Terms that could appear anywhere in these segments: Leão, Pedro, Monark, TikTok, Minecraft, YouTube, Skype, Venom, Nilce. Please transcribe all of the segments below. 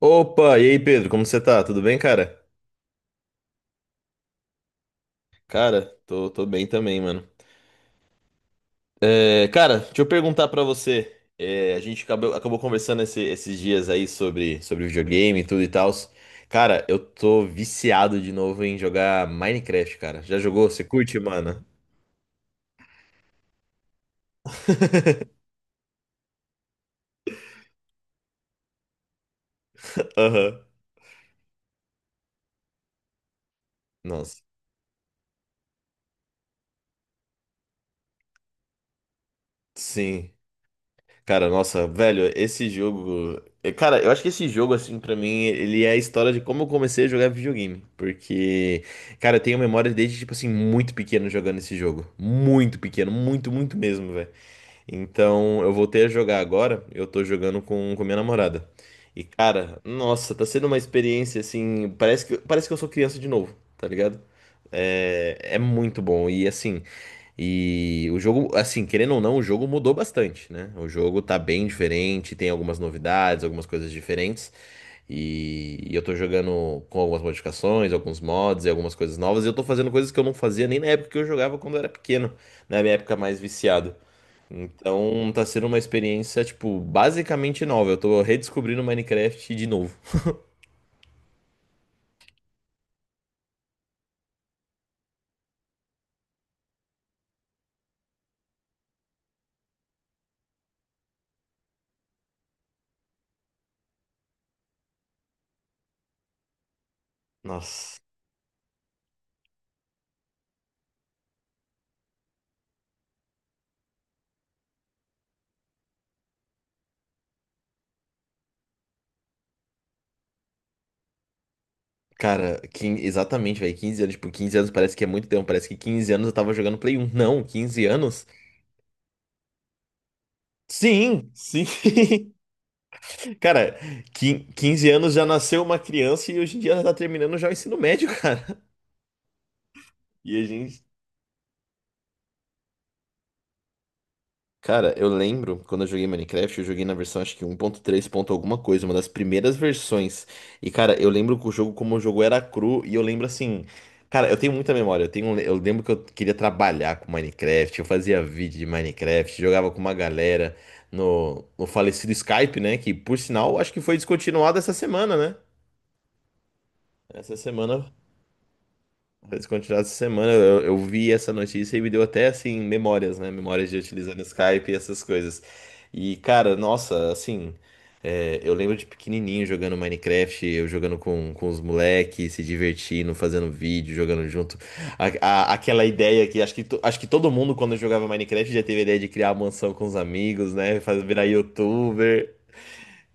Opa, e aí Pedro, como você tá? Tudo bem, cara? Cara, tô bem também, mano. É, cara, deixa eu perguntar pra você. É, a gente acabou conversando esses dias aí sobre videogame e tudo e tal. Cara, eu tô viciado de novo em jogar Minecraft, cara. Já jogou? Você curte, mano? Aham. Nossa, sim. Cara, nossa, velho, esse jogo. Cara, eu acho que esse jogo, assim, pra mim, ele é a história de como eu comecei a jogar videogame. Porque, cara, eu tenho memória desde, tipo assim, muito pequeno jogando esse jogo. Muito pequeno, muito, muito mesmo, velho. Então, eu voltei a jogar agora. Eu tô jogando com minha namorada. E, cara, nossa, tá sendo uma experiência assim. Parece que eu sou criança de novo, tá ligado? É muito bom. E, assim, e o jogo, assim, querendo ou não, o jogo mudou bastante, né? O jogo tá bem diferente, tem algumas novidades, algumas coisas diferentes. E eu tô jogando com algumas modificações, alguns mods e algumas coisas novas. E eu tô fazendo coisas que eu não fazia nem na época que eu jogava quando eu era pequeno, na minha época mais viciado. Então tá sendo uma experiência, tipo, basicamente nova. Eu tô redescobrindo Minecraft de novo. Nossa. Cara, exatamente, velho. 15 anos. Tipo, 15 anos parece que é muito tempo. Parece que 15 anos eu tava jogando Play 1. Não, 15 anos? Sim, sim. Cara, 15 anos já nasceu uma criança e hoje em dia ela tá terminando já o ensino médio, cara. E a gente Cara, eu lembro quando eu joguei Minecraft, eu joguei na versão acho que 1.3 ponto três ponto alguma coisa, uma das primeiras versões. E cara, eu lembro que o jogo como o jogo era cru e eu lembro assim, cara, eu tenho muita memória. Eu lembro que eu queria trabalhar com Minecraft, eu fazia vídeo de Minecraft, jogava com uma galera no falecido Skype, né, que por sinal acho que foi descontinuado essa semana, né? Essa semana Descontinuado essa semana, eu vi essa notícia e me deu até assim memórias, né? Memórias de utilizando Skype e essas coisas. E cara, nossa, assim, eu lembro de pequenininho jogando Minecraft, eu jogando com os moleques, se divertindo, fazendo vídeo, jogando junto. Aquela ideia que acho que todo mundo quando jogava Minecraft já teve a ideia de criar a mansão com os amigos, né? Fazer virar YouTuber.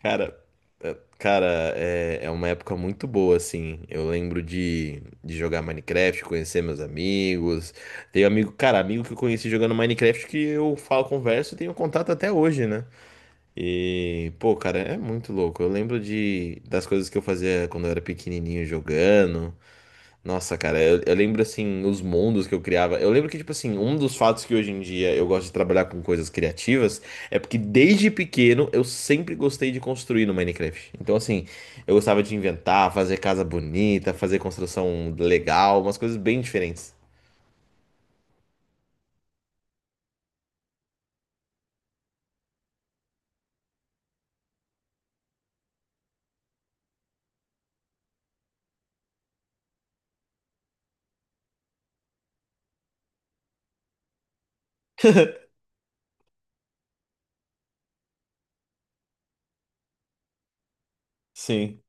Cara, cara, é uma época muito boa, assim. Eu lembro de jogar Minecraft, conhecer meus amigos. Tenho amigo, cara, amigo que eu conheci jogando Minecraft que eu falo, converso e tenho contato até hoje, né? E, pô, cara, é muito louco. Eu lembro de, das coisas que eu fazia quando eu era pequenininho jogando. Nossa, cara, eu lembro assim, os mundos que eu criava. Eu lembro que, tipo assim, um dos fatos que hoje em dia eu gosto de trabalhar com coisas criativas é porque desde pequeno eu sempre gostei de construir no Minecraft. Então, assim, eu gostava de inventar, fazer casa bonita, fazer construção legal, umas coisas bem diferentes. Sim.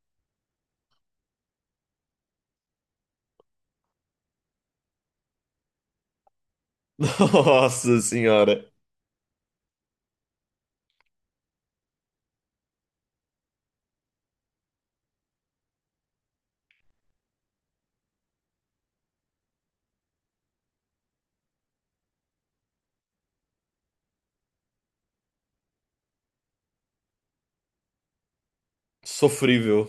Nossa senhora. Sofrível.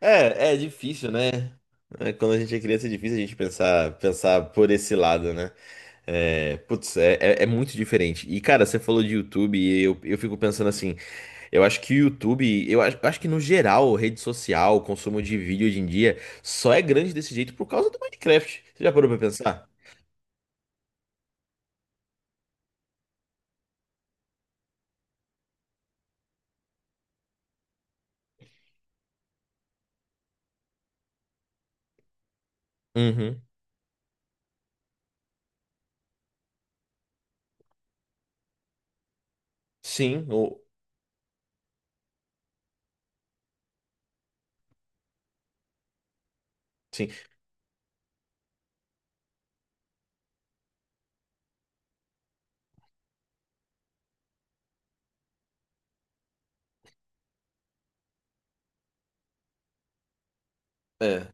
É difícil, né? É, quando a gente é criança é difícil a gente pensar por esse lado, né? É, putz, é muito diferente. E, cara, você falou de YouTube e eu fico pensando assim, eu acho que o YouTube, eu acho que no geral, rede social, consumo de vídeo hoje em dia, só é grande desse jeito por causa do Minecraft. Você já parou pra pensar? Uhum. Sim, Sim, é.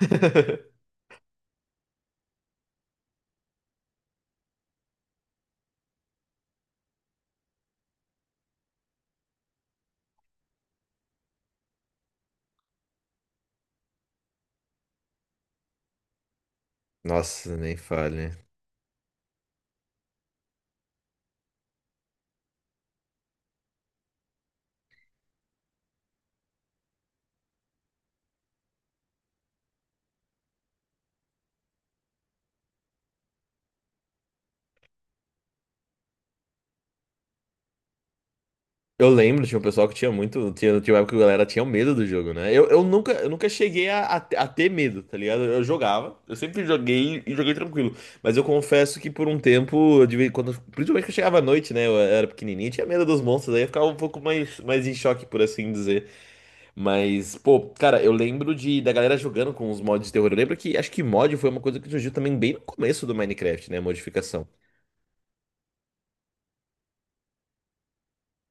Nossa, nem fale. Eu lembro, tinha um pessoal que tinha muito. Tinha uma época que a galera tinha medo do jogo, né? Eu nunca cheguei a ter medo, tá ligado? Eu jogava, eu sempre joguei e joguei tranquilo. Mas eu confesso que por um tempo, principalmente quando chegava à noite, né? Eu era pequenininho, tinha medo dos monstros, aí eu ficava um pouco mais em choque, por assim dizer. Mas, pô, cara, eu lembro da galera jogando com os mods de terror. Eu lembro que acho que mod foi uma coisa que surgiu também bem no começo do Minecraft, né? Modificação.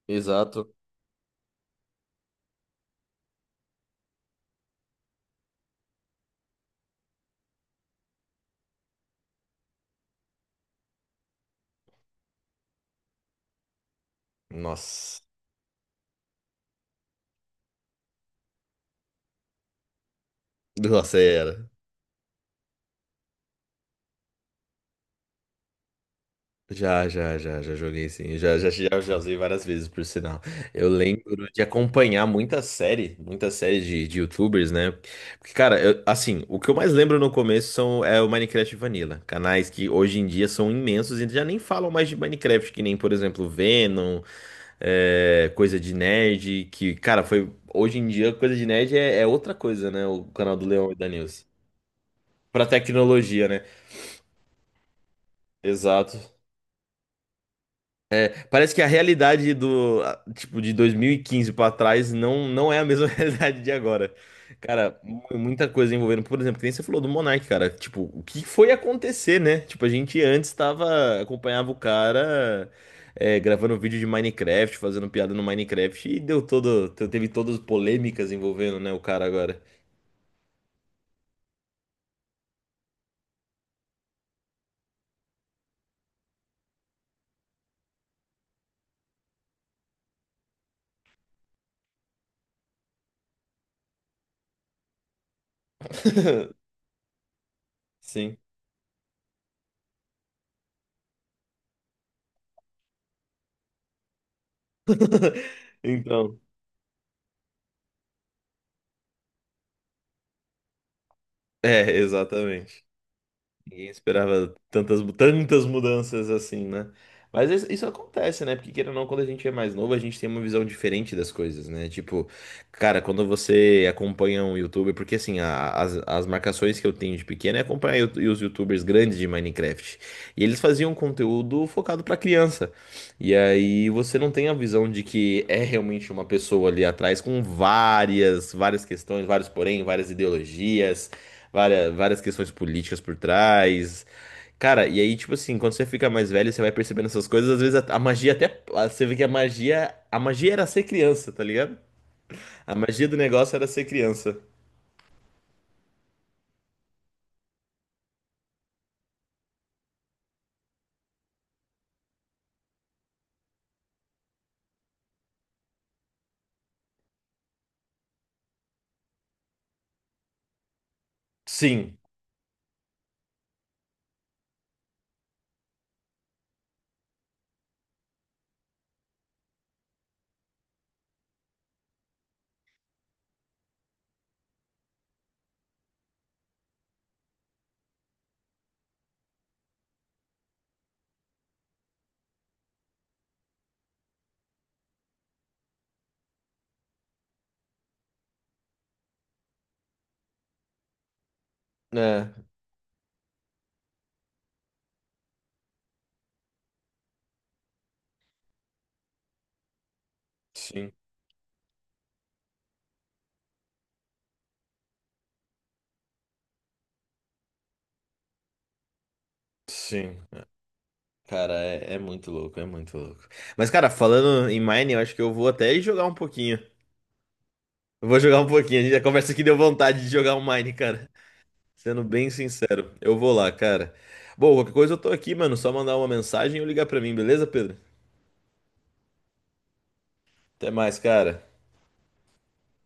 Exato. Nossa. Nossa, era. Já, já, já, já joguei sim. Já, já, já, já usei várias vezes, por sinal. Eu lembro de acompanhar muita série de YouTubers, né? Porque, cara, assim, o que eu mais lembro no começo é o Minecraft Vanilla. Canais que hoje em dia são imensos e já nem falam mais de Minecraft, que nem, por exemplo, Venom, coisa de nerd, que, cara, foi. Hoje em dia, coisa de nerd é outra coisa, né? O canal do Leão e da Nilce. Pra tecnologia, né? Exato. Parece que a realidade tipo, de 2015 pra trás não é a mesma realidade de agora. Cara, muita coisa envolvendo, por exemplo, que nem você falou do Monark, cara. Tipo, o que foi acontecer, né? Tipo, a gente antes acompanhava o cara gravando vídeo de Minecraft, fazendo piada no Minecraft e teve todas as polêmicas envolvendo, né, o cara agora. Sim. Então, exatamente. Ninguém esperava tantas mudanças assim, né? Mas isso acontece, né? Porque queira ou não, quando a gente é mais novo, a gente tem uma visão diferente das coisas, né? Tipo, cara, quando você acompanha um youtuber, porque assim, as marcações que eu tenho de pequeno é acompanhar os youtubers grandes de Minecraft. E eles faziam conteúdo focado pra criança. E aí você não tem a visão de que é realmente uma pessoa ali atrás com várias questões, vários porém, várias ideologias várias questões políticas por trás. Cara, e aí, tipo assim, quando você fica mais velho, você vai percebendo essas coisas, às vezes a magia até. Você vê que a magia. A magia era ser criança, tá ligado? A magia do negócio era ser criança. Sim, né? Sim, sim. Cara, é muito louco, é muito louco. Mas, cara, falando em Mine, eu acho que eu vou até jogar um pouquinho. Eu vou jogar um pouquinho, a conversa aqui deu vontade de jogar um Mine, cara. Sendo bem sincero, eu vou lá, cara. Bom, qualquer coisa eu tô aqui, mano. Só mandar uma mensagem ou ligar pra mim, beleza, Pedro? Até mais, cara.